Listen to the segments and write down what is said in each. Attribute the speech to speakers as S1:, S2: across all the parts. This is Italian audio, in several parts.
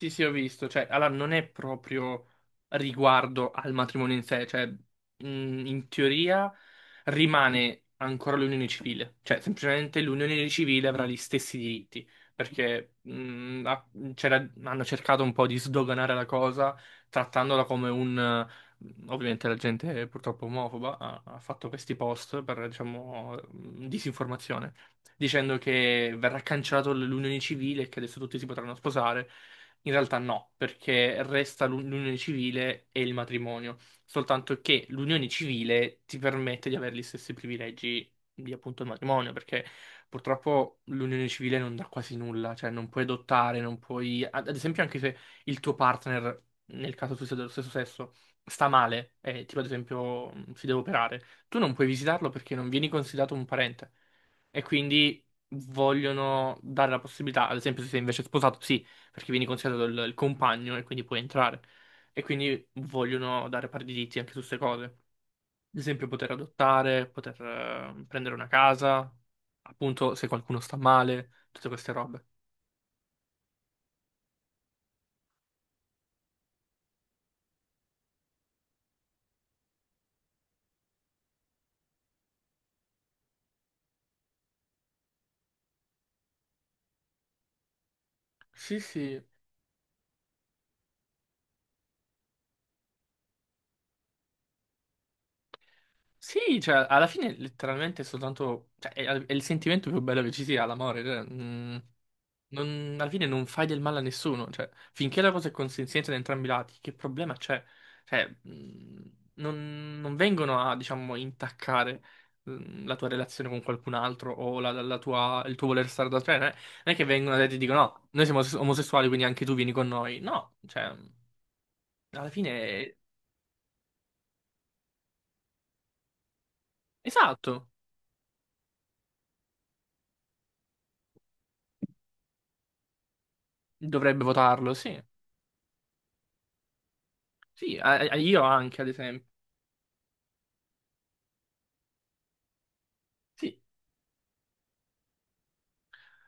S1: Sì, sì, ho visto, cioè, allora non è proprio riguardo al matrimonio in sé, cioè, in teoria rimane ancora l'unione civile, cioè, semplicemente l'unione civile avrà gli stessi diritti, perché hanno cercato un po' di sdoganare la cosa, trattandola come un... Ovviamente la gente purtroppo omofoba ha fatto questi post per, diciamo, disinformazione, dicendo che verrà cancellato l'unione civile e che adesso tutti si potranno sposare. In realtà no, perché resta l'unione civile e il matrimonio, soltanto che l'unione civile ti permette di avere gli stessi privilegi di appunto il matrimonio, perché purtroppo l'unione civile non dà quasi nulla, cioè non puoi adottare, non puoi... Ad esempio anche se il tuo partner, nel caso tu sia dello stesso sesso, sta male, tipo ad esempio, si deve operare, tu non puoi visitarlo perché non vieni considerato un parente, e quindi vogliono dare la possibilità, ad esempio se sei invece sposato, sì, perché vieni considerato il compagno, e quindi puoi entrare e quindi vogliono dare pari diritti anche su queste cose. Ad esempio poter adottare, poter prendere una casa, appunto se qualcuno sta male, tutte queste robe. Sì, sì. Sì, cioè, alla fine letteralmente è soltanto... Cioè, è il sentimento più bello che ci sia, l'amore. Cioè, mm. Alla fine non fai del male a nessuno, cioè, finché la cosa è consenziente da entrambi i lati, che problema c'è? Cioè, non vengono a, diciamo, intaccare, la tua relazione con qualcun altro o il tuo voler stare da te, non è che vengono e ti dicono no, noi siamo omosessuali, quindi anche tu vieni con noi. No, cioè, alla fine, esatto, dovrebbe votarlo, sì. Sì, io anche, ad esempio. Sì,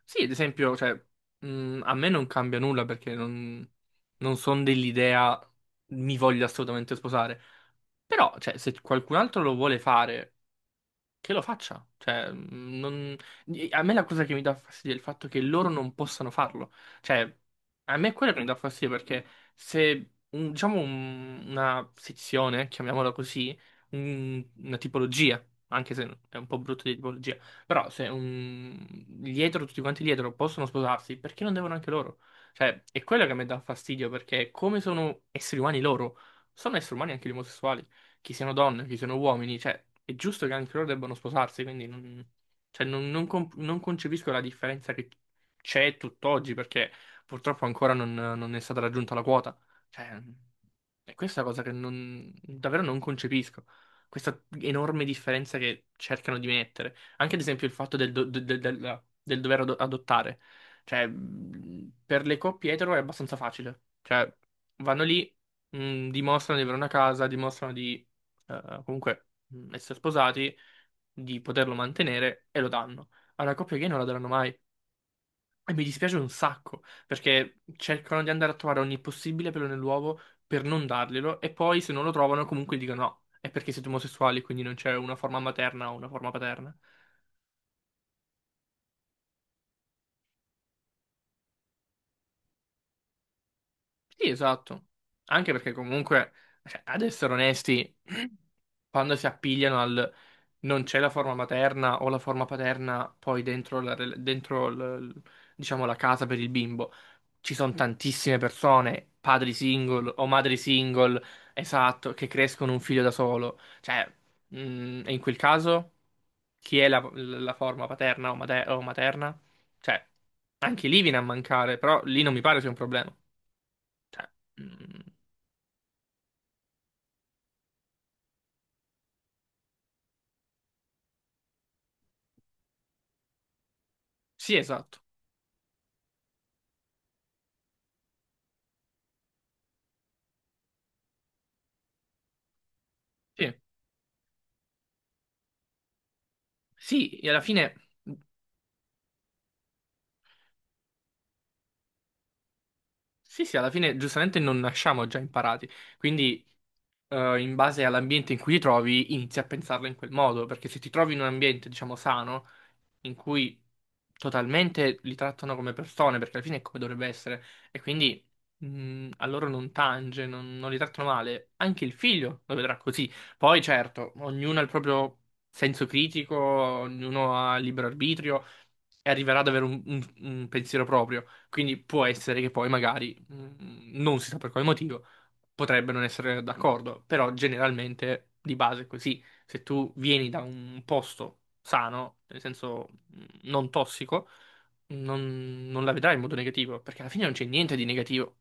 S1: sì, ad esempio, cioè, a me non cambia nulla perché non sono dell'idea mi voglio assolutamente sposare. Però, cioè, se qualcun altro lo vuole fare, che lo faccia. Cioè, a me la cosa che mi dà fastidio è il fatto che loro non possano farlo. Cioè, a me è quello che mi dà fastidio, perché se, una sezione, chiamiamola così, una tipologia, anche se è un po' brutto di tipologia, però se un, gli etero, tutti quanti gli etero possono sposarsi, perché non devono anche loro? Cioè, è quello che a me dà fastidio perché come sono esseri umani loro, sono esseri umani anche gli omosessuali, che siano donne, che siano uomini, cioè è giusto che anche loro debbano sposarsi, quindi non, cioè, non concepisco la differenza che c'è tutt'oggi, perché purtroppo ancora non è stata raggiunta la quota. Cioè, è questa cosa che non, davvero non concepisco. Questa enorme differenza che cercano di mettere. Anche ad esempio il fatto del, do- del- del- del- del dover adottare. Cioè, per le coppie etero è abbastanza facile. Cioè, vanno lì, dimostrano di avere una casa, dimostrano di comunque, essere sposati, di poterlo mantenere, e lo danno. Alla coppia gay non la daranno mai. E mi dispiace un sacco, perché cercano di andare a trovare ogni possibile pelo nell'uovo per non darglielo, e poi se non lo trovano comunque dicono no, è perché siete omosessuali, quindi non c'è una forma materna o una forma paterna. Sì, esatto. Anche perché comunque, cioè, ad essere onesti, quando si appigliano al non c'è la forma materna o la forma paterna poi dentro la, rel- dentro l- diciamo, la casa per il bimbo, ci sono tantissime persone, padri single o madri single, esatto, che crescono un figlio da solo. Cioè, e in quel caso, chi è la forma paterna o materna? Cioè, anche lì viene a mancare, però lì non mi pare sia un problema. Cioè, mm, sì, esatto. Sì, sì, e alla fine. Sì, sì, alla fine giustamente non nasciamo già imparati, quindi in base all'ambiente in cui ti trovi inizi a pensarla in quel modo, perché se ti trovi in un ambiente, diciamo, sano, in cui totalmente li trattano come persone, perché alla fine è come dovrebbe essere, e quindi a loro non tange, non li trattano male, anche il figlio lo vedrà così. Poi certo, ognuno ha il proprio senso critico, ognuno ha libero arbitrio e arriverà ad avere un pensiero proprio. Quindi può essere che poi magari, non si sa per quale motivo, potrebbe non essere d'accordo, però generalmente di base è così. Se tu vieni da un posto sano, nel senso non tossico, non la vedrai in modo negativo, perché alla fine non c'è niente di negativo,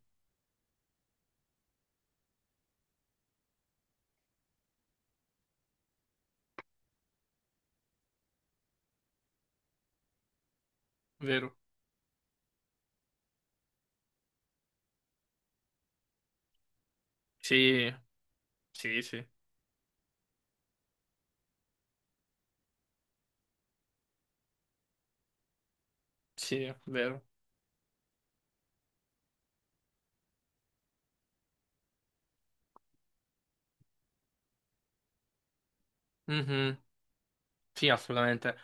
S1: vero? Sì, sì, sì, sì, è vero. Mhm. Sì, assolutamente.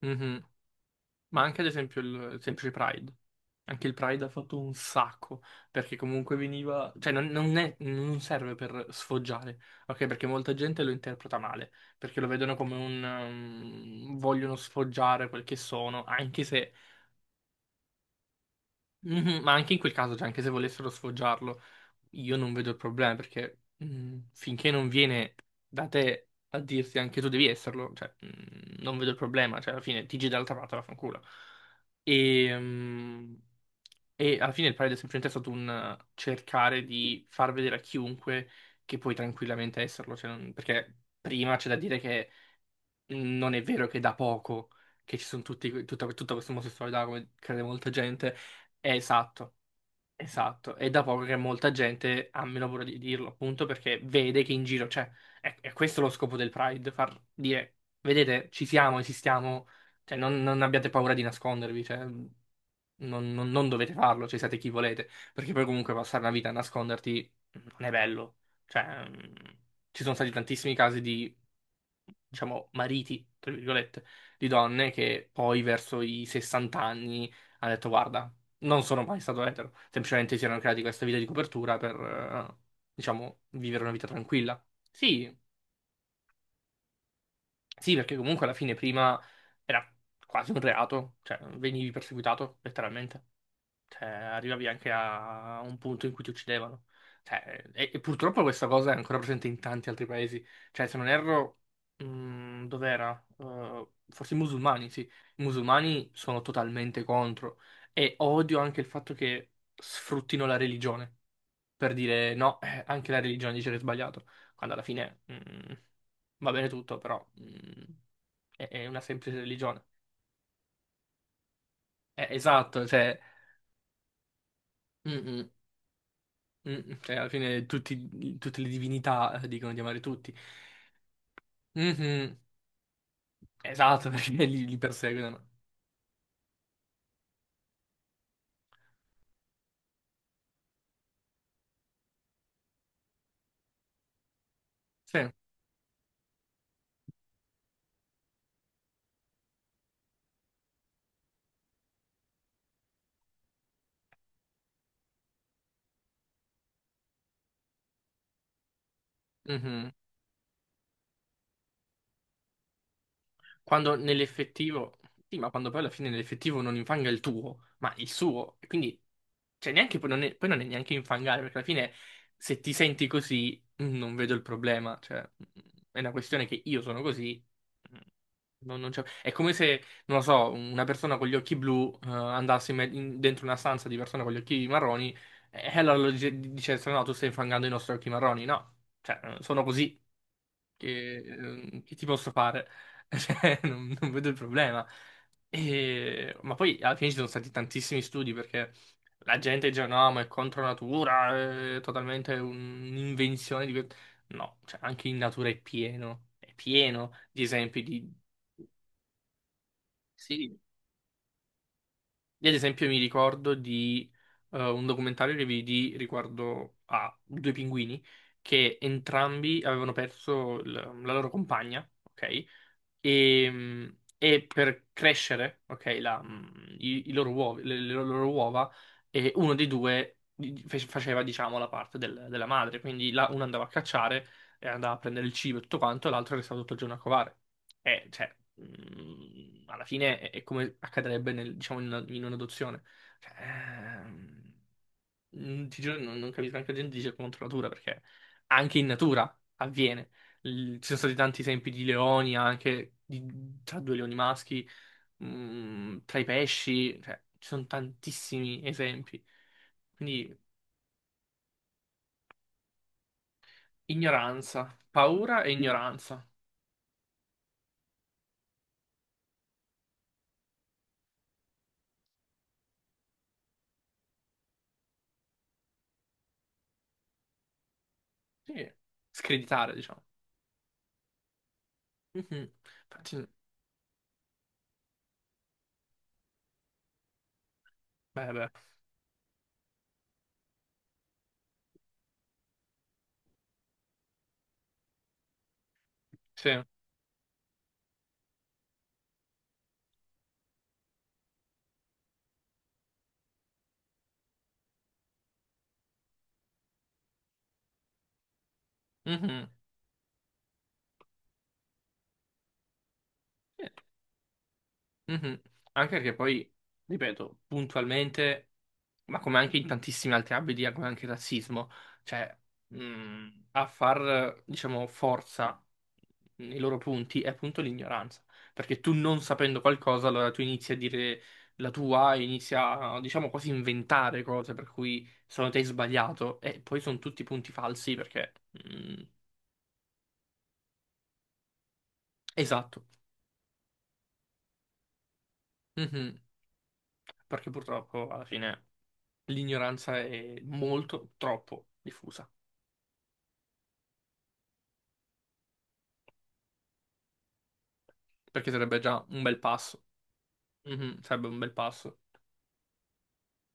S1: Mhm. Ma anche ad esempio il semplice Pride. Anche il Pride ha fatto un sacco, perché comunque veniva, cioè non serve per sfoggiare, ok? Perché molta gente lo interpreta male, perché lo vedono come vogliono sfoggiare quel che sono, anche se... Mhm, ma anche in quel caso, cioè anche se volessero sfoggiarlo, io non vedo il problema, perché finché non viene da te a dirti anche tu devi esserlo, cioè, non vedo il problema, cioè alla fine ti giri dall'altra parte, vaffanculo. E, e alla fine il Pride è semplicemente stato un cercare di far vedere a chiunque che puoi tranquillamente esserlo, cioè perché prima c'è da dire che non è vero che è da poco che ci sono tutto questo omosessualità, come crede molta gente, è esatto. Esatto, è da poco che molta gente ha meno paura di dirlo, appunto perché vede che in giro c'è. È questo lo scopo del Pride, far dire, vedete, ci siamo, esistiamo, cioè non abbiate paura di nascondervi, cioè, non dovete farlo, cioè siete chi volete, perché poi comunque passare una vita a nasconderti non è bello. Cioè, ci sono stati tantissimi casi di, diciamo, mariti, tra virgolette, di donne che poi verso i 60 anni hanno detto, guarda, non sono mai stato etero, semplicemente si erano creati questa vita di copertura per, diciamo, vivere una vita tranquilla. Sì, sì, perché comunque alla fine prima era quasi un reato, cioè venivi perseguitato, letteralmente. Cioè, arrivavi anche a un punto in cui ti uccidevano. Cioè, e purtroppo questa cosa è ancora presente in tanti altri paesi. Cioè, se non erro, dov'era? Forse i musulmani, sì. I musulmani sono totalmente contro. E odio anche il fatto che sfruttino la religione per dire no, anche la religione dice che è sbagliato. Quando alla fine, va bene tutto, però, è una semplice religione. Esatto, cioè. Mm, mm. Cioè, alla fine tutte le divinità dicono di amare tutti. Mhm. Esatto, perché li perseguono. Sì. Mm-hmm. Quando nell'effettivo, sì, ma quando poi alla fine nell'effettivo non infanga il tuo, ma il suo, e quindi cioè neanche, poi non è neanche infangare, perché alla fine se ti senti così, non vedo il problema, cioè, è una questione che io sono così, mm, non, non c'è- è come se, non lo so, una persona con gli occhi blu andasse dentro una stanza di persone con gli occhi marroni, e allora lo dice, dice, no, tu stai infangando i nostri occhi marroni, no, cioè, sono così, che ti posso fare? Cioè, non non vedo il problema. Ma poi alla fine ci sono stati tantissimi studi, perché la gente dice no, ma è contro natura, è totalmente un'invenzione di que-". No, cioè, anche in natura è pieno di esempi di... Sì. Io ad esempio mi ricordo di un documentario che vidi riguardo a due pinguini che entrambi avevano perso la loro compagna, ok? E, e per crescere, ok, i loro uova, le loro uova, uno dei due faceva, diciamo, la parte della madre, quindi la, uno andava a cacciare e andava a prendere il cibo e tutto quanto, e l'altro restava tutto il giorno a covare. E, cioè, alla fine è come accadrebbe diciamo, in in un'adozione. Cioè, ti giuro, non capisco, anche la gente dice contro natura perché anche in natura avviene. Ci sono stati tanti esempi di leoni, anche tra due leoni maschi, tra i pesci, cioè, ci sono tantissimi esempi. Quindi ignoranza, paura e ignoranza. Sì, screditare, diciamo. Mhm. Infatti, beh, beh, sì. Mhm. Sì. Mhm. Anche perché poi, ripeto, puntualmente, ma come anche in tantissimi altri ambiti, come anche il razzismo, cioè, a far, diciamo, forza nei loro punti è appunto l'ignoranza. Perché tu non sapendo qualcosa, allora tu inizi a dire la tua, inizi a, diciamo, quasi inventare cose per cui secondo te hai sbagliato, e poi sono tutti punti falsi perché... esatto. Mhm. Perché purtroppo alla fine l'ignoranza è molto, troppo diffusa, perché sarebbe già un bel passo. Mhm, sarebbe un bel passo.